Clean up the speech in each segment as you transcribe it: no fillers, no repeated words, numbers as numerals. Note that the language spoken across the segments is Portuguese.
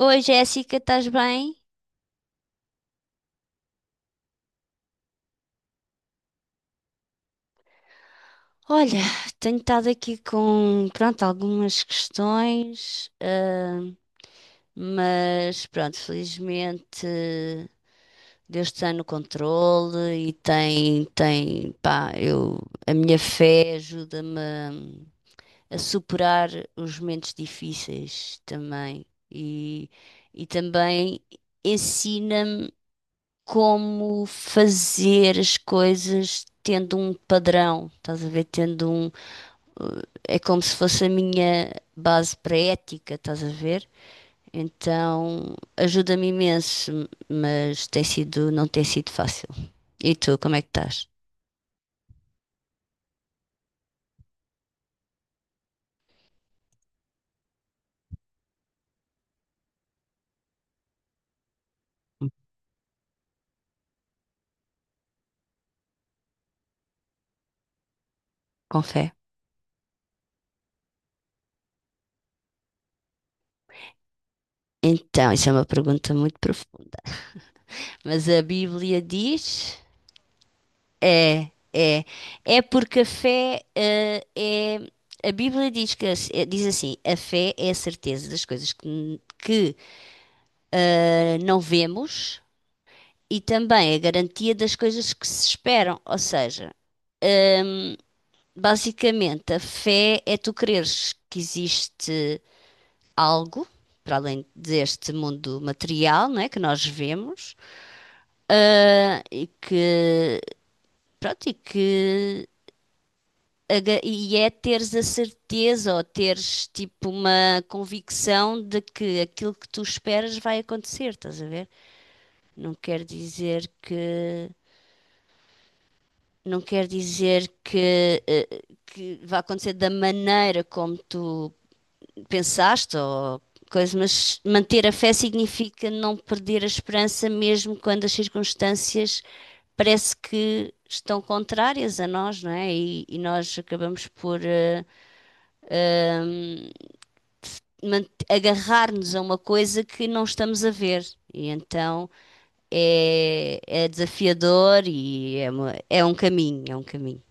Oi Jéssica, estás bem? Olha, tenho estado aqui com, pronto, algumas questões, ah, mas pronto, felizmente Deus está no controle e tem, pá, a minha fé ajuda-me a superar os momentos difíceis também e, e também ensina-me, como fazer as coisas tendo um padrão, estás a ver? Tendo um. eh, É como se fosse a minha base para a ética, estás a ver? Então ajuda-me imenso, mas tem sido, não tem sido fácil. E tu, como é que estás? Com fé? Então, isso é uma pergunta muito profunda. Mas a Bíblia diz. É, é. É porque a fé, é. A Bíblia diz que diz assim: a fé é a certeza das coisas que não vemos e também a garantia das coisas que se esperam. Ou seja, ehm, basicamente, a fé é tu creres que existe algo. Para além deste mundo material, não é, que nós vemos, e que, pronto, E é teres a certeza ou teres tipo uma convicção de que aquilo que tu esperas vai acontecer, estás a ver? Não quer dizer que vai acontecer da maneira como tu pensaste ou coisa, mas manter a fé significa não perder a esperança mesmo quando as circunstâncias parece que estão contrárias a nós, não é? E nós acabamos por eh, agarrar-nos a uma coisa que não estamos a ver. E então é desafiador e é um caminho, é um caminho.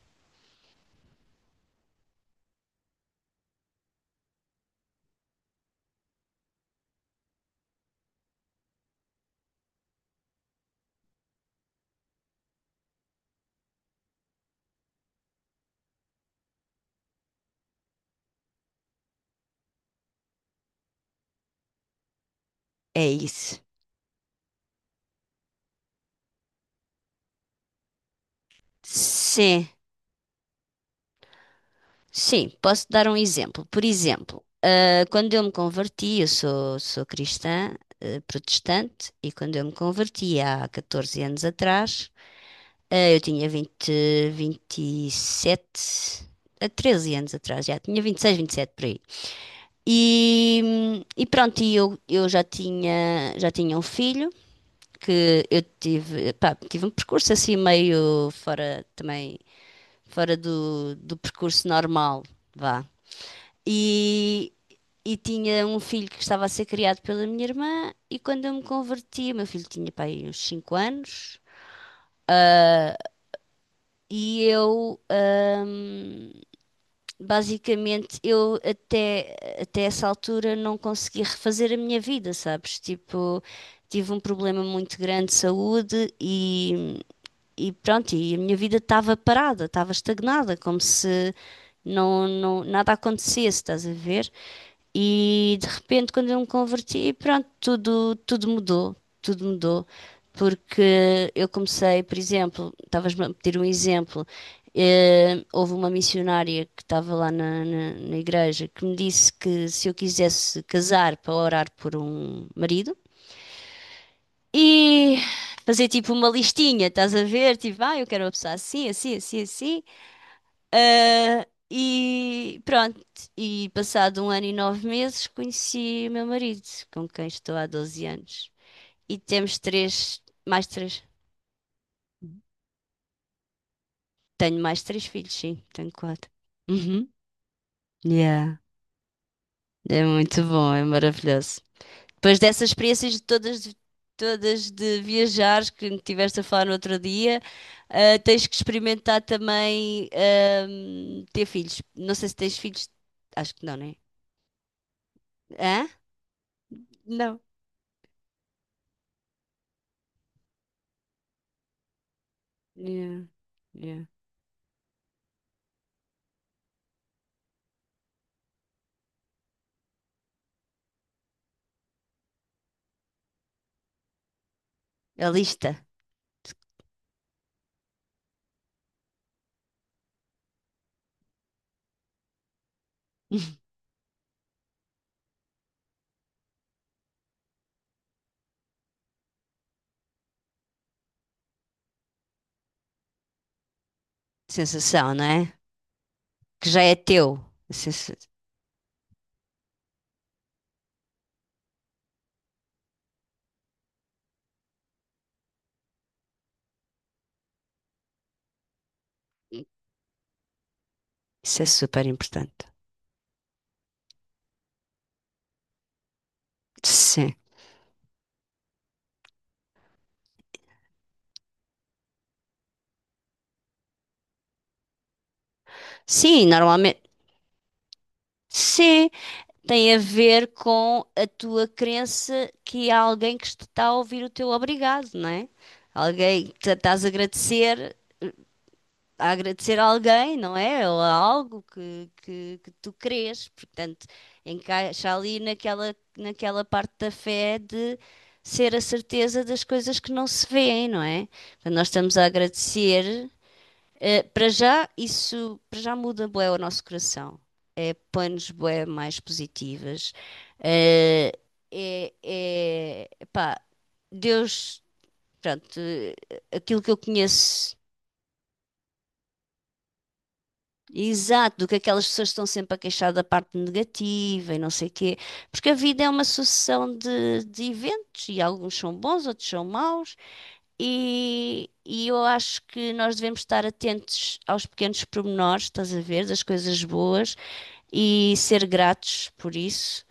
É isso. Sim, sim, posso dar um exemplo. Por exemplo, ah, quando eu me converti, eu sou cristã, ah, protestante, e quando eu me converti há 14 anos atrás, ah, eu tinha vinte 27 a 13 anos atrás, já tinha vinte 26 27 por aí. E, e pronto, e eu já tinha um filho que eu tive, pá, tive um percurso assim meio fora também, fora do percurso normal, vá. E, e tinha um filho que estava a ser criado pela minha irmã e quando eu me converti, o meu filho tinha, pá, aí uns 5 anos e eu hum, Basicamente, eu até essa altura não consegui refazer a minha vida, sabes? Tipo, tive um problema muito grande de saúde e pronto, e a minha vida estava parada, estava estagnada, como se não, não, nada acontecesse, estás a ver? E de repente, quando eu me converti, pronto, tudo mudou, tudo mudou. Porque eu comecei, por exemplo, estavas-me a pedir um exemplo, houve uma missionária que estava lá na igreja que me disse que se eu quisesse casar para orar por um marido, e fazer tipo uma listinha, estás a ver? Tipo, ah, eu quero uma pessoa assim, assim, assim, assim. Ah, e pronto. E passado um ano e 9 meses conheci o meu marido, com quem estou há 12 anos. E temos três, mais três. Tenho mais três filhos, sim, tenho quatro. Uhum. Yeah. É muito bom, é maravilhoso. Depois dessas experiências de todas, todas de viajares que me tiveste a falar no outro dia, ah, tens que experimentar também ter filhos. Não sei se tens filhos. Acho que não, né? Hã? Não. Yeah, yeah. A lista. Sensação, não é? Que já é teu. Sensa- Isso é super importante. Sim. Sim, normalmente. Sim. Tem a ver com a tua crença que há alguém que te está a ouvir o teu obrigado, não é? Alguém que estás a agradecer, a agradecer a alguém, não é? Ou a algo que tu crês. Portanto, encaixa ali naquela parte da fé de ser a certeza das coisas que não se vêem, não é? Portanto, nós estamos a agradecer. Para já, isso para já muda bué o nosso coração planos bué mais positivas. Eh, é, pá, Deus, pronto, aquilo que eu conheço exato, do que aquelas pessoas estão sempre a queixar da parte negativa e não sei quê, porque a vida é uma sucessão de eventos e alguns são bons, outros são maus. E eu acho que nós devemos estar atentos aos pequenos pormenores, estás a ver, das coisas boas e ser gratos por isso.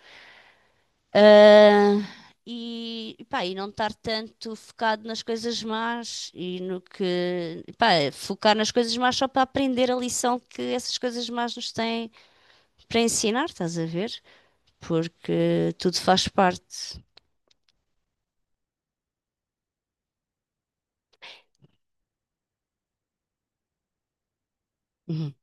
Ah, e, pá, e não estar tanto focado nas coisas más e no que, pá, focar nas coisas más só para aprender a lição que essas coisas más nos têm para ensinar, estás a ver? Porque tudo faz parte. Uhum.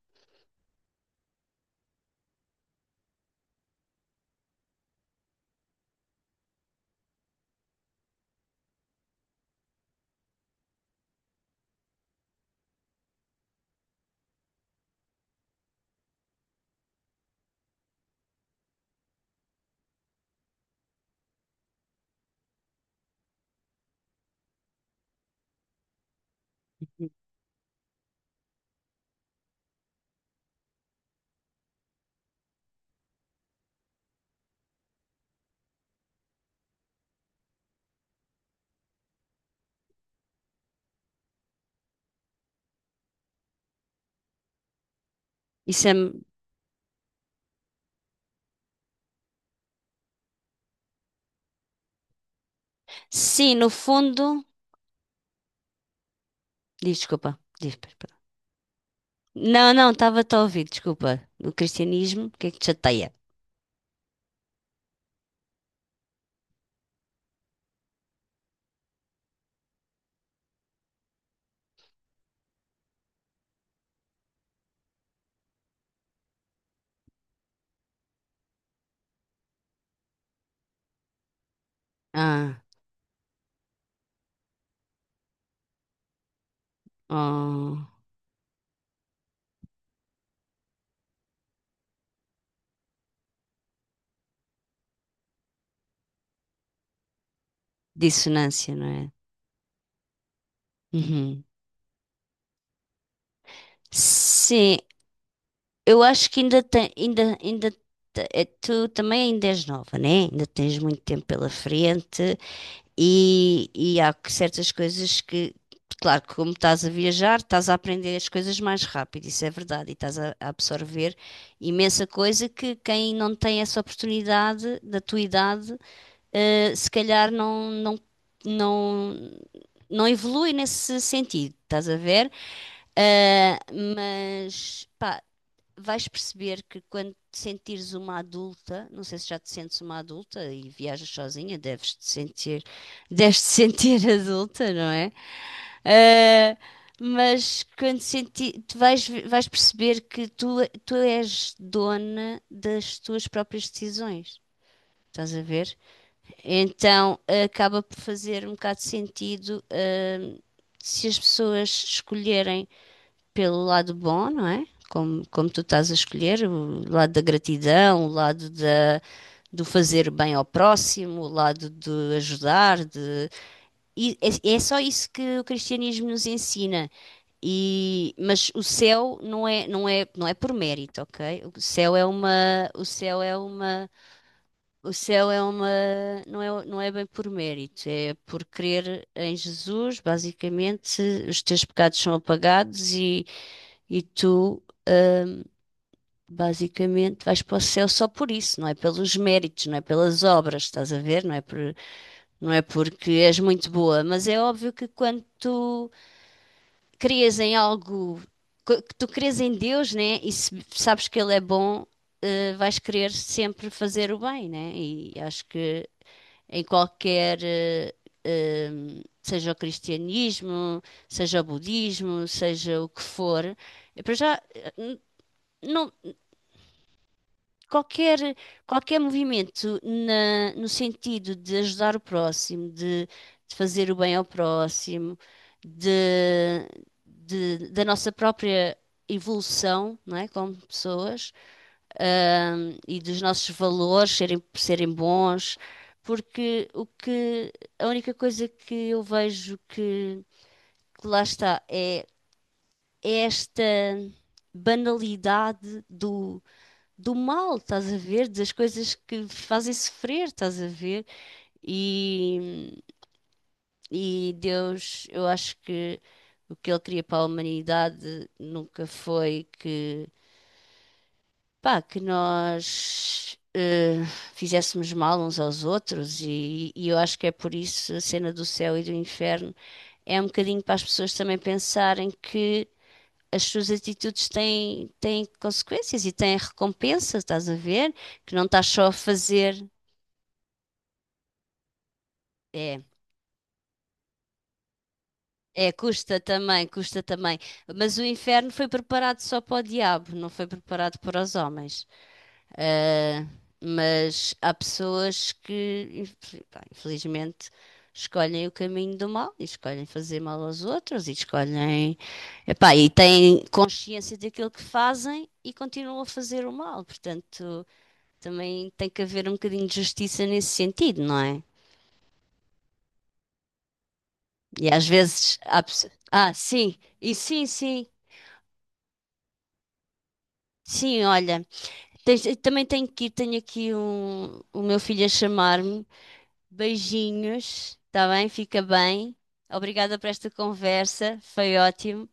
Isso é, sim, no fundo, diz, desculpa, diz, pera. Não, não, estava-te a ouvir, desculpa. O cristianismo, o que é que te chateia? Ah, oh, dissonância, não é? Uhum. Sim, eu acho que ainda tem, ainda, ainda te- eh, tu também ainda és nova, né? Ainda tens muito tempo pela frente e certas coisas que, claro, que como estás a viajar, estás a aprender as coisas mais rápido, isso é verdade, e estás a absorver imensa coisa que quem não tem essa oportunidade da tua idade, se calhar não, não evolui nesse sentido, estás a ver? Ah, mas pá, vais perceber que quando te sentires uma adulta, não sei se já te sentes uma adulta e viajas sozinha, deves te sentir, deves te sentir adulta, não é? Eh, mas quando senti, tu vais perceber que tu és dona das tuas próprias decisões. Estás a ver? Então acaba por fazer um bocado de sentido, hum, se as pessoas escolherem pelo lado bom, não é? Como tu estás a escolher, o lado da gratidão, o lado da, do fazer bem ao próximo, o lado de ajudar, de... E é, é só isso que o cristianismo nos ensina. E, mas o céu não é, não é, não é por mérito, ok? O céu é uma, o céu é uma, o céu é uma, não é bem por mérito, é por crer em Jesus, basicamente, os teus pecados são apagados e tu basicamente, vais para o céu só por isso, não é pelos méritos, não é pelas obras, estás a ver? Não é por, não é porque és muito boa, mas é óbvio que quando tu crias em algo, que tu crês em Deus, né? E se sabes que Ele é bom, vais querer sempre fazer o bem, né? E acho que em qualquer, eh, seja o cristianismo, seja o budismo, seja o que for, para já, não, qualquer, qualquer movimento no sentido de ajudar o próximo, de fazer o bem ao próximo, de, da nossa própria evolução, não é? Como pessoas, e dos nossos valores serem bons, porque o que, a única coisa que eu vejo que, lá está é esta banalidade do mal, estás a ver? Das coisas que fazem sofrer, estás a ver? E, e Deus, eu acho que o que ele queria para a humanidade nunca foi que, pá, que nós fizéssemos mal uns aos outros, e eu acho que é por isso a cena do céu e do inferno é um bocadinho para as pessoas também pensarem que. As suas atitudes têm consequências e têm recompensa, estás a ver? Que não estás só a fazer. É, é, custa também, custa também. Mas o inferno foi preparado só para o diabo, não foi preparado para os homens. Ah, mas há pessoas que, pá, infelizmente, escolhem o caminho do mal e escolhem fazer mal aos outros e escolhem, epá, e têm consciência daquilo que fazem e continuam a fazer o mal. Portanto, também tem que haver um bocadinho de justiça nesse sentido, não é? E às vezes há pessoas. Ah, sim, e sim, sim. Sim, olha, eu também tenho que ir, tenho aqui um, o meu filho a chamar-me. Beijinhos, está bem? Fica bem. Obrigada por esta conversa, foi ótimo.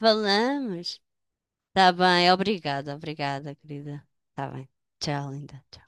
Falamos. Está bem, obrigada, obrigada, querida. Está bem. Tchau, linda. Tchau.